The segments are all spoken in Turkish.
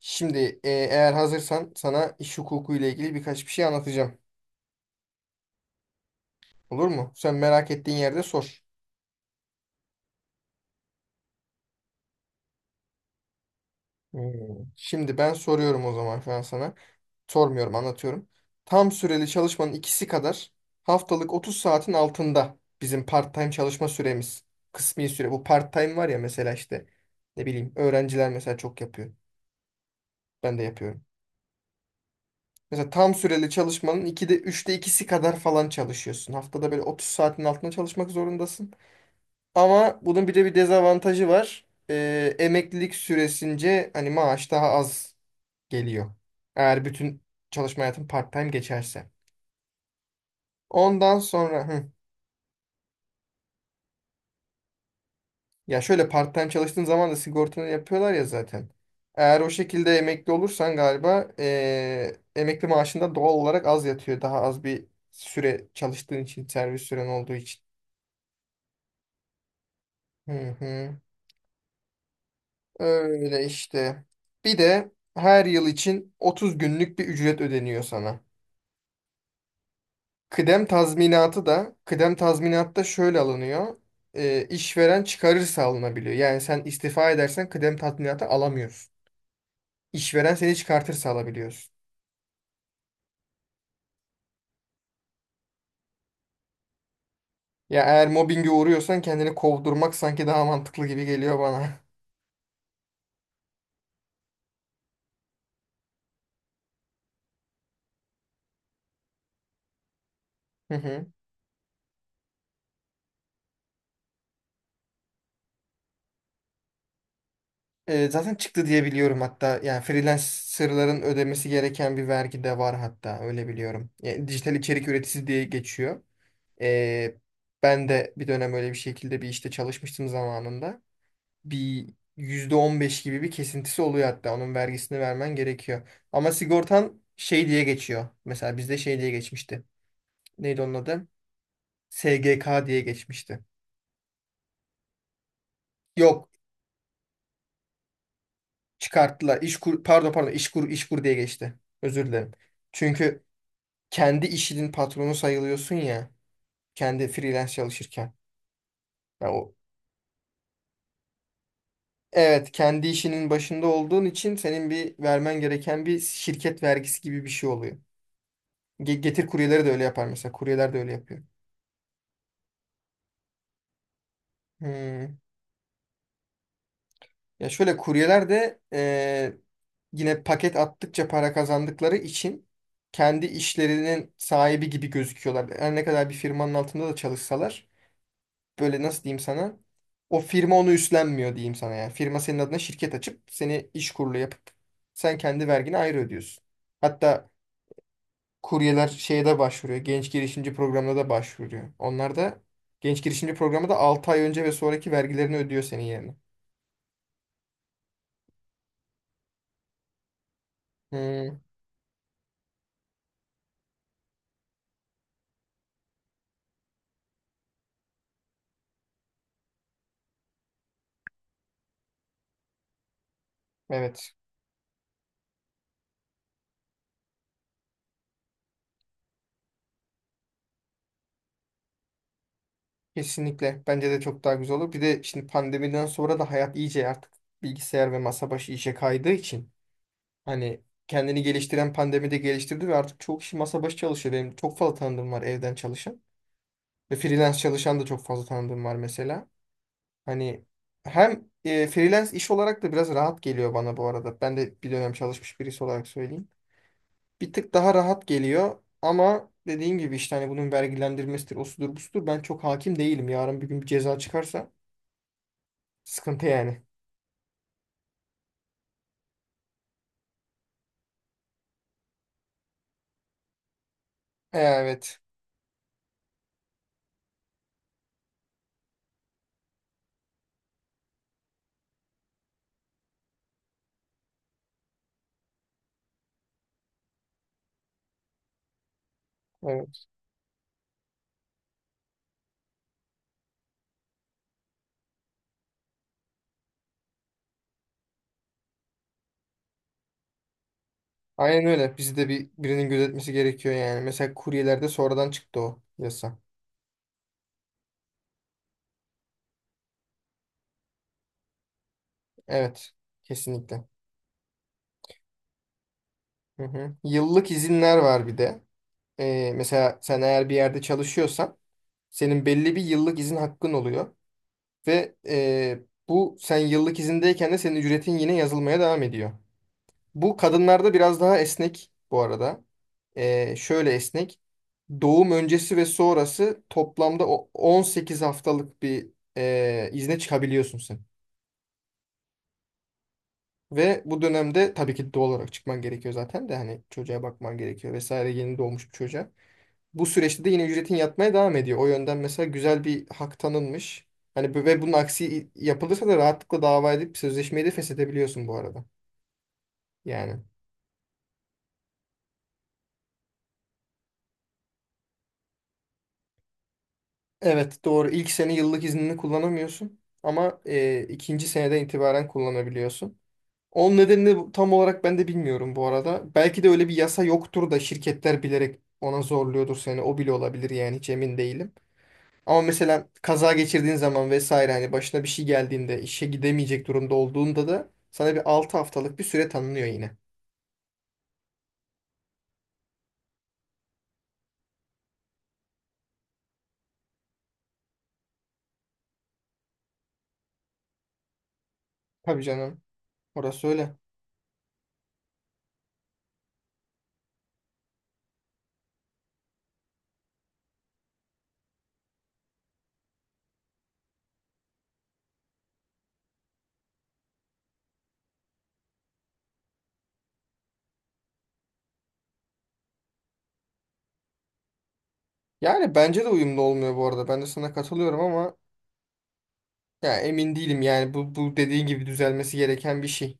Şimdi eğer hazırsan sana iş hukuku ile ilgili birkaç bir şey anlatacağım. Olur mu? Sen merak ettiğin yerde sor. Hmm. Şimdi ben soruyorum o zaman şu an sana. Sormuyorum, anlatıyorum. Tam süreli çalışmanın ikisi kadar haftalık 30 saatin altında bizim part-time çalışma süremiz. Kısmi süre. Bu part-time var ya mesela işte ne bileyim öğrenciler mesela çok yapıyor. Ben de yapıyorum. Mesela tam süreli çalışmanın 2'de üçte ikisi kadar falan çalışıyorsun. Haftada böyle 30 saatin altında çalışmak zorundasın. Ama bunun bir de bir dezavantajı var. Emeklilik süresince hani maaş daha az geliyor. Eğer bütün çalışma hayatın part-time geçerse. Ondan sonra ya şöyle part-time çalıştığın zaman da sigortanı yapıyorlar ya zaten. Eğer o şekilde emekli olursan galiba emekli maaşında doğal olarak az yatıyor. Daha az bir süre çalıştığın için, servis süren olduğu için. Hı hı. Öyle işte. Bir de her yıl için 30 günlük bir ücret ödeniyor sana. Kıdem tazminatı da kıdem tazminatı da şöyle alınıyor. İşveren çıkarırsa alınabiliyor. Yani sen istifa edersen kıdem tazminatı alamıyorsun. İşveren seni çıkartırsa alabiliyorsun. Ya eğer mobbinge uğruyorsan kendini kovdurmak sanki daha mantıklı gibi geliyor bana. Hı hı. Zaten çıktı diye biliyorum hatta. Yani freelancerların ödemesi gereken bir vergi de var hatta öyle biliyorum. Yani dijital içerik üreticisi diye geçiyor. Ee, ben de bir dönem öyle bir şekilde bir işte çalışmıştım zamanında. Bir %15 gibi bir kesintisi oluyor hatta. Onun vergisini vermen gerekiyor. Ama sigortan şey diye geçiyor. Mesela bizde şey diye geçmişti. Neydi onun adı? SGK diye geçmişti. Yok, çıkarttılar. İşkur, pardon pardon İşkur, diye geçti. Özür dilerim. Çünkü kendi işinin patronu sayılıyorsun ya. Kendi freelance çalışırken. Ya o, evet kendi işinin başında olduğun için senin bir vermen gereken bir şirket vergisi gibi bir şey oluyor. Getir kuryeleri de öyle yapar mesela. Kuryeler de öyle yapıyor. Hmm. Ya şöyle kuryeler de yine paket attıkça para kazandıkları için kendi işlerinin sahibi gibi gözüküyorlar. Her ne kadar bir firmanın altında da çalışsalar böyle nasıl diyeyim sana, o firma onu üstlenmiyor diyeyim sana yani. Firma senin adına şirket açıp seni iş kurulu yapıp sen kendi vergini ayrı ödüyorsun. Hatta kuryeler şeye de başvuruyor. Genç girişimci programına da başvuruyor. Onlar da genç girişimci programı da 6 ay önce ve sonraki vergilerini ödüyor senin yerine. Hmm, evet. Kesinlikle. Bence de çok daha güzel olur. Bir de şimdi pandemiden sonra da hayat iyice artık bilgisayar ve masa başı işe kaydığı için hani kendini geliştiren pandemide geliştirdi ve artık çok kişi masa başı çalışıyor. Benim çok fazla tanıdığım var evden çalışan ve freelance çalışan da çok fazla tanıdığım var mesela. Hani hem freelance iş olarak da biraz rahat geliyor bana bu arada. Ben de bir dönem çalışmış birisi olarak söyleyeyim. Bir tık daha rahat geliyor ama dediğim gibi işte hani bunun vergilendirmesidir, osudur, busudur. Ben çok hakim değilim. Yarın bir gün bir ceza çıkarsa sıkıntı yani. Evet. Evet. Aynen öyle. Bizi de bir birinin gözetmesi gerekiyor yani. Mesela kuryelerde sonradan çıktı o yasa. Evet. Kesinlikle. Hı hı. Yıllık izinler var bir de. Mesela sen eğer bir yerde çalışıyorsan senin belli bir yıllık izin hakkın oluyor. Ve bu sen yıllık izindeyken de senin ücretin yine yazılmaya devam ediyor. Bu kadınlarda biraz daha esnek bu arada. Şöyle esnek. Doğum öncesi ve sonrası toplamda 18 haftalık bir izne çıkabiliyorsun sen. Ve bu dönemde tabii ki doğal olarak çıkman gerekiyor zaten de hani çocuğa bakman gerekiyor vesaire, yeni doğmuş bir çocuğa. Bu süreçte de yine ücretin yatmaya devam ediyor. O yönden mesela güzel bir hak tanınmış. Ve bunun aksi yapılırsa da rahatlıkla dava edip sözleşmeyi de feshedebiliyorsun bu arada. Yani. Evet, doğru. İlk sene yıllık iznini kullanamıyorsun ama ikinci seneden itibaren kullanabiliyorsun. Onun nedenini tam olarak ben de bilmiyorum bu arada. Belki de öyle bir yasa yoktur da şirketler bilerek ona zorluyordur seni. O bile olabilir yani, hiç emin değilim. Ama mesela kaza geçirdiğin zaman vesaire, hani başına bir şey geldiğinde işe gidemeyecek durumda olduğunda da sana bir 6 haftalık bir süre tanınıyor yine. Tabii canım. Orası öyle. Yani bence de uyumlu olmuyor bu arada. Ben de sana katılıyorum ama ya emin değilim yani, bu dediğin gibi düzelmesi gereken bir şey.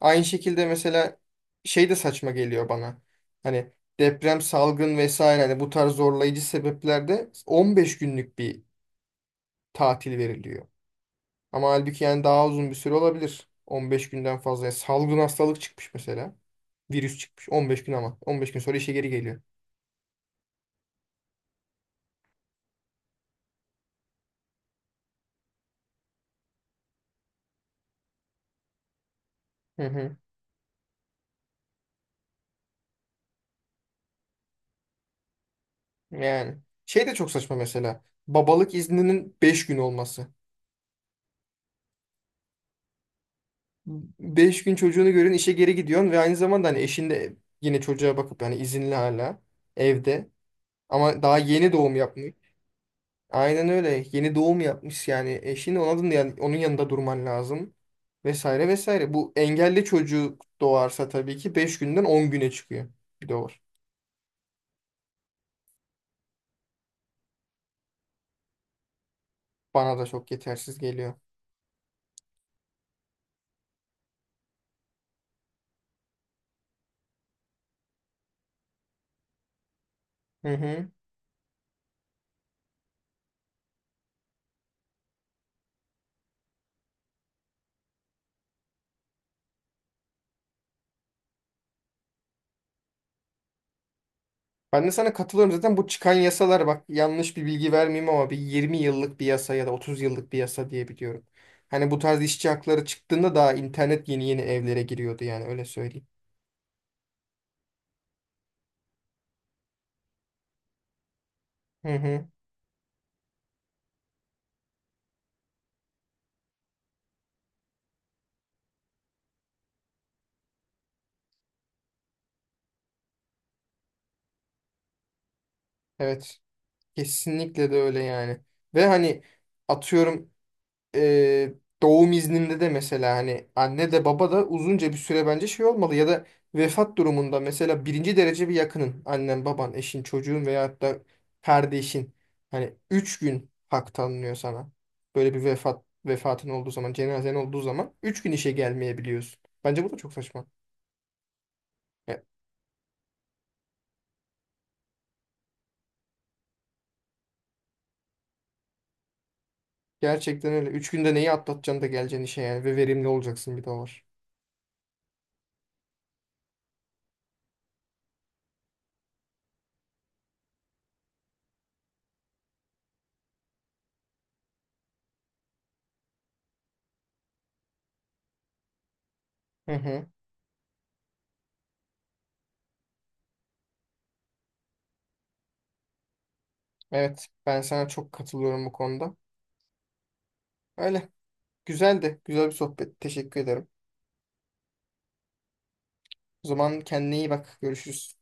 Aynı şekilde mesela şey de saçma geliyor bana. Hani deprem, salgın vesaire, hani bu tarz zorlayıcı sebeplerde 15 günlük bir tatil veriliyor. Ama halbuki yani daha uzun bir süre olabilir. 15 günden fazla. Yani salgın hastalık çıkmış mesela. Virüs çıkmış 15 gün ama 15 gün sonra işe geri geliyor. Hı hı. Yani şey de çok saçma mesela. Babalık izninin 5 gün olması. 5 gün çocuğunu görün işe geri gidiyorsun ve aynı zamanda hani eşin de yine çocuğa bakıp, yani izinli hala evde ama daha yeni doğum yapmış. Aynen öyle, yeni doğum yapmış yani eşin onun, yani onun yanında durman lazım vesaire vesaire. Bu engelli çocuk doğarsa tabii ki 5 günden 10 güne çıkıyor, bir de var. Bana da çok yetersiz geliyor. Hı hı. Ben de sana katılıyorum, zaten bu çıkan yasalar bak, yanlış bir bilgi vermeyeyim ama bir 20 yıllık bir yasa ya da 30 yıllık bir yasa diye biliyorum. Hani bu tarz işçi hakları çıktığında daha internet yeni yeni evlere giriyordu yani, öyle söyleyeyim. Hı hı. Evet. Kesinlikle de öyle yani. Ve hani atıyorum e, doğum izninde de mesela hani anne de baba da uzunca bir süre bence şey olmalı ya da vefat durumunda mesela birinci derece bir yakının, annen, baban, eşin, çocuğun veyahut da kardeşin, hani 3 gün hak tanınıyor sana. Böyle bir vefatın olduğu zaman, cenazen olduğu zaman 3 gün işe gelmeyebiliyorsun. Bence bu da çok saçma. Ya, gerçekten öyle. 3 günde neyi atlatacaksın da geleceksin işe yani, ve verimli olacaksın, bir de o var. Hı hı. Evet, ben sana çok katılıyorum bu konuda. Öyle. Güzeldi. Güzel bir sohbet. Teşekkür ederim. O zaman kendine iyi bak. Görüşürüz.